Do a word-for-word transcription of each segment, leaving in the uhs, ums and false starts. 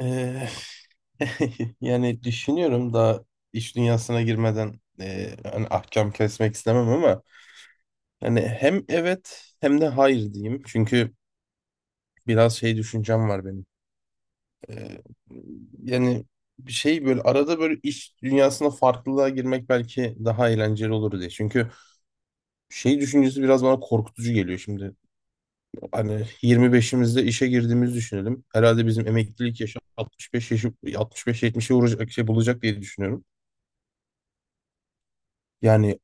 Eee, yani düşünüyorum daha iş dünyasına girmeden eee, hani ahkam kesmek istemem ama hani hem evet hem de hayır diyeyim. Çünkü biraz şey düşüncem var benim. Eee, yani bir şey böyle arada böyle iş dünyasına farklılığa girmek belki daha eğlenceli olur diye. Çünkü şey düşüncesi biraz bana korkutucu geliyor şimdi. Hani yirmi beşimizde işe girdiğimizi düşünelim. Herhalde bizim emeklilik yaşı altmış beş yaşı altmış beş yetmişe vuracak şey bulacak diye düşünüyorum. Yani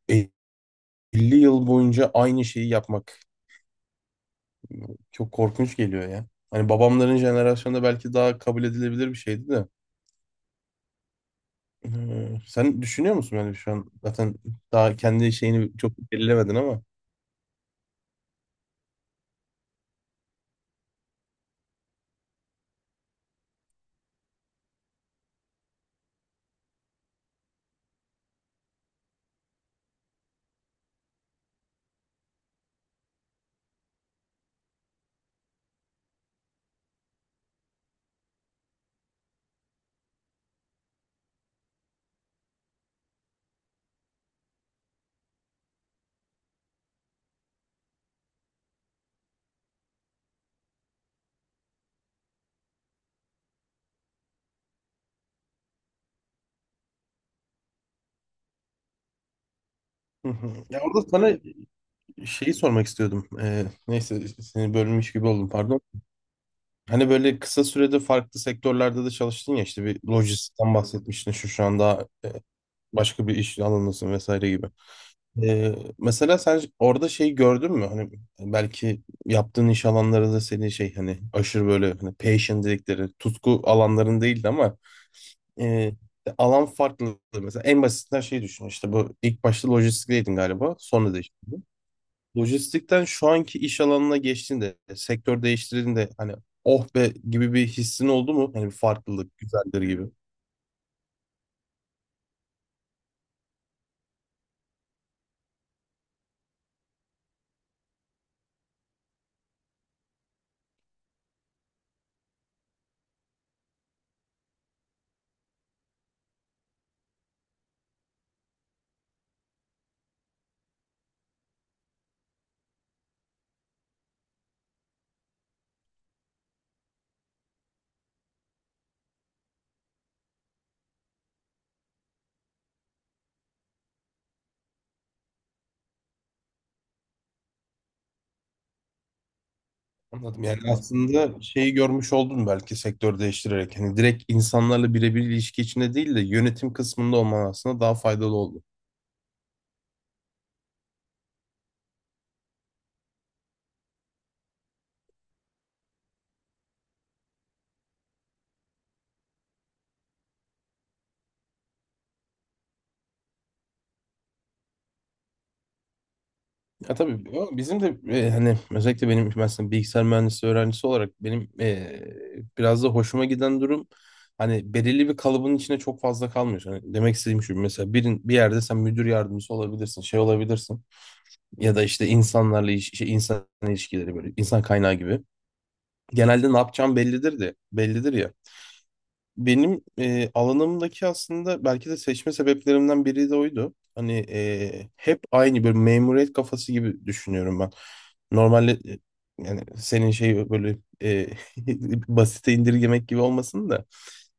elli yıl boyunca aynı şeyi yapmak çok korkunç geliyor ya. Hani babamların jenerasyonunda belki daha kabul edilebilir bir şeydi de. Ee, sen düşünüyor musun yani şu an zaten daha kendi şeyini çok belirlemedin ama. Hı hı. Ya orada sana şeyi sormak istiyordum. Ee, neyse seni bölmüş gibi oldum, pardon. Hani böyle kısa sürede farklı sektörlerde de çalıştın ya, işte bir lojistikten bahsetmiştin, şu şu anda e, başka bir iş alanındasın vesaire gibi. Ee, mesela sen orada şey gördün mü? Hani belki yaptığın iş alanları da senin şey, hani aşırı böyle hani passion dedikleri tutku alanların değildi ama e, alan farklı. Mesela en basitinden şey düşün, işte bu ilk başta lojistikteydin galiba sonra değiştirdin. Lojistikten şu anki iş alanına geçtiğinde sektör değiştirdiğinde hani oh be gibi bir hissin oldu mu? Hani bir farklılık güzeldir gibi. Anladım. Yani aslında şeyi görmüş oldum belki sektör değiştirerek. Hani direkt insanlarla birebir ilişki içinde değil de yönetim kısmında olman aslında daha faydalı oldu. Ya tabii, o bizim de e, hani özellikle benim mesela bilgisayar mühendisliği öğrencisi olarak benim e, biraz da hoşuma giden durum hani belirli bir kalıbın içine çok fazla kalmıyorsun. Hani demek istediğim şu, mesela birin bir yerde sen müdür yardımcısı olabilirsin, şey olabilirsin ya da işte insanlarla iş, şey, insan ilişkileri böyle insan kaynağı gibi. Genelde ne yapacağım bellidir de bellidir ya. Benim e, alanımdaki aslında belki de seçme sebeplerimden biri de oydu. Hani e, hep aynı bir memuriyet kafası gibi düşünüyorum ben. Normalde e, yani senin şey böyle e, basite indirgemek gibi olmasın da.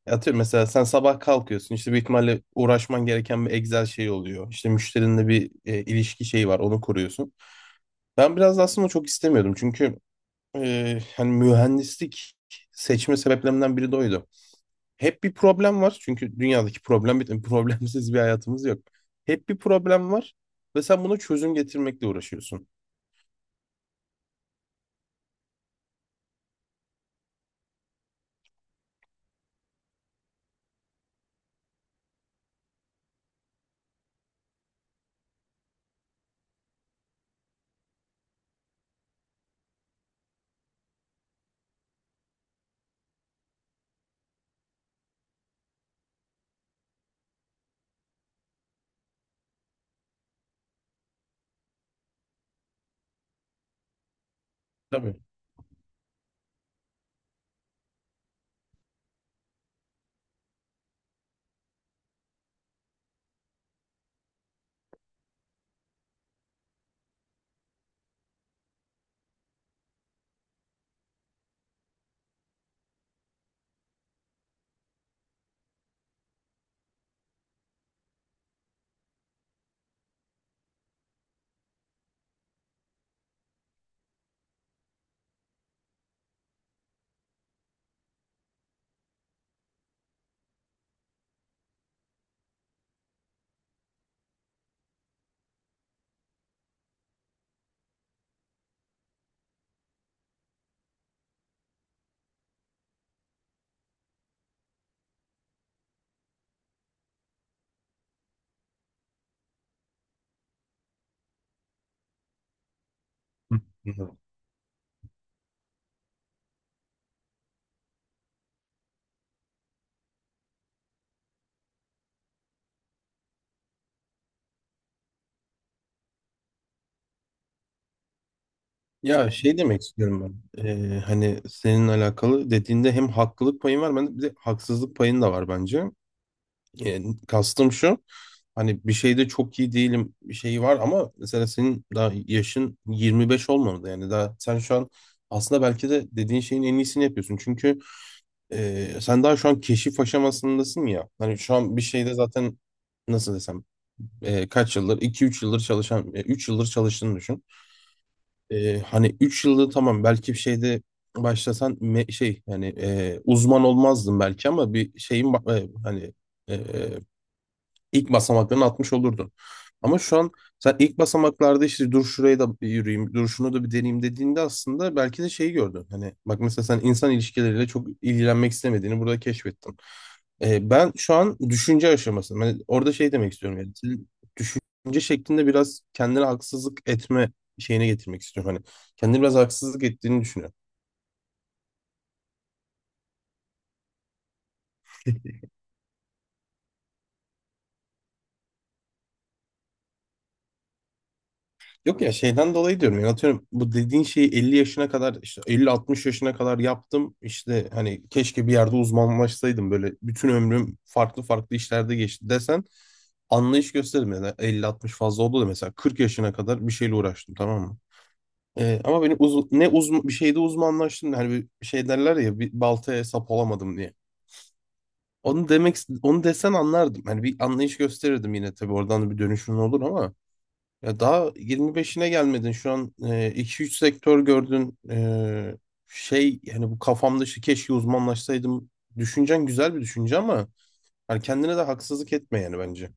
Atıyorum mesela sen sabah kalkıyorsun, işte büyük ihtimalle uğraşman gereken bir Excel şey oluyor. İşte müşterinle bir e, ilişki şeyi var, onu kuruyorsun. Ben biraz da aslında çok istemiyordum, çünkü e, hani mühendislik seçme sebeplerimden biri de oydu. Hep bir problem var. Çünkü dünyadaki problem bitmiyor. Problemsiz bir hayatımız yok. Hep bir problem var ve sen buna çözüm getirmekle uğraşıyorsun. Tabii. Hı. Hı. Ya şey demek istiyorum ben. Ee, hani senin alakalı dediğinde hem haklılık payın var, ben de bir de haksızlık payın da var bence. E, kastım şu. Hani bir şeyde çok iyi değilim bir şeyi var, ama mesela senin daha yaşın yirmi beş olmadı, yani daha sen şu an aslında belki de dediğin şeyin en iyisini yapıyorsun. Çünkü e, sen daha şu an keşif aşamasındasın ya. Hani şu an bir şeyde zaten nasıl desem e, kaç yıldır iki üç yıldır çalışan üç yıldır çalıştığını düşün. E, hani üç yıldır tamam, belki bir şeyde başlasan me- şey yani e, uzman olmazdın belki, ama bir şeyin ba- e, hani e, İlk basamaklarını atmış olurdun. Ama şu an sen ilk basamaklarda, işte dur şurayı da bir yürüyeyim, dur şunu da bir deneyeyim dediğinde aslında belki de şeyi gördün. Hani bak mesela sen insan ilişkileriyle çok ilgilenmek istemediğini burada keşfettin. Ee, ben şu an düşünce aşaması. Ben orada şey demek istiyorum yani, senin düşünce şeklinde biraz kendine haksızlık etme şeyine getirmek istiyorum. Hani kendine biraz haksızlık ettiğini düşünüyorum. Yok ya, şeyden dolayı diyorum yani, atıyorum bu dediğin şeyi elli yaşına kadar, işte elli altmış yaşına kadar yaptım, işte hani keşke bir yerde uzmanlaşsaydım, böyle bütün ömrüm farklı farklı işlerde geçti desen anlayış gösteririm, yani elli altmış fazla oldu da, mesela kırk yaşına kadar bir şeyle uğraştım, tamam mı? Ee, ama beni uz ne uzman bir şeyde uzmanlaştım, hani bir şey derler ya, bir baltaya sap olamadım diye. Onu demek onu desen anlardım. Hani bir anlayış gösterirdim yine, tabii oradan da bir dönüşüm olur, ama ya daha yirmi beşine gelmedin. Şu an e, iki üç sektör gördün. E, şey yani bu kafam dışı keşke uzmanlaşsaydım. Düşüncen güzel bir düşünce ama yani kendine de haksızlık etme yani bence.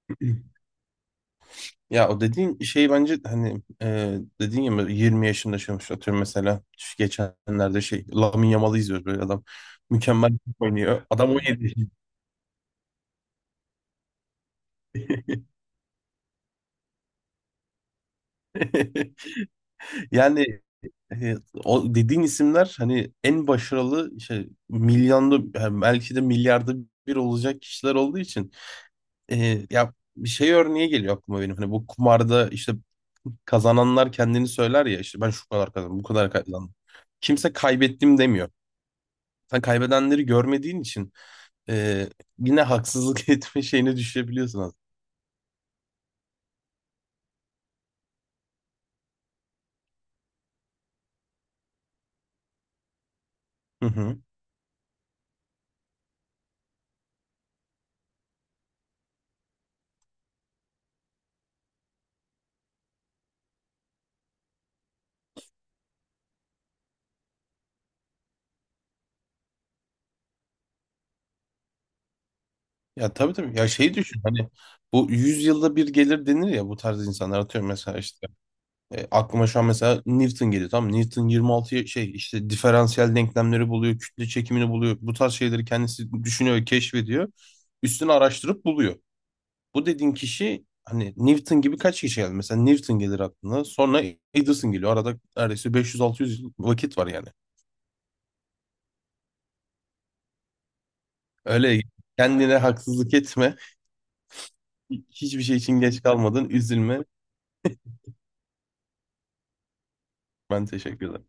Ya o dediğin şey bence hani e, dediğin ya böyle yirmi yaşında yaşamış, atıyorum mesela şu geçenlerde şey Lamine Yamal'ı izliyoruz, böyle adam mükemmel oynuyor. Adam on yedi. Yani. E, o dediğin isimler hani en başarılı işte milyonda yani belki de milyarda bir olacak kişiler olduğu için e, ya bir şey örneği geliyor aklıma benim, hani bu kumarda işte kazananlar kendini söyler ya, işte ben şu kadar kazandım bu kadar kazandım, kimse kaybettim demiyor, sen kaybedenleri görmediğin için e, yine haksızlık etme şeyine düşebiliyorsun aslında. Hı hı. Ya tabii tabii, ya şey düşün hani bu yüz yılda bir gelir denir ya bu tarz insanlar, atıyorum mesela işte, E, aklıma şu an mesela Newton geliyor. Tamam Newton yirmi altı şey işte diferansiyel denklemleri buluyor, kütle çekimini buluyor. Bu tarz şeyleri kendisi düşünüyor, keşfediyor. Üstüne araştırıp buluyor. Bu dediğin kişi hani Newton gibi kaç kişi geldi? Mesela Newton gelir aklına. Sonra Edison geliyor. Arada neredeyse beş yüz altı yüz yıl vakit var yani. Öyle kendine haksızlık etme. Hiçbir şey için geç kalmadın. Üzülme. Ben teşekkür ederim.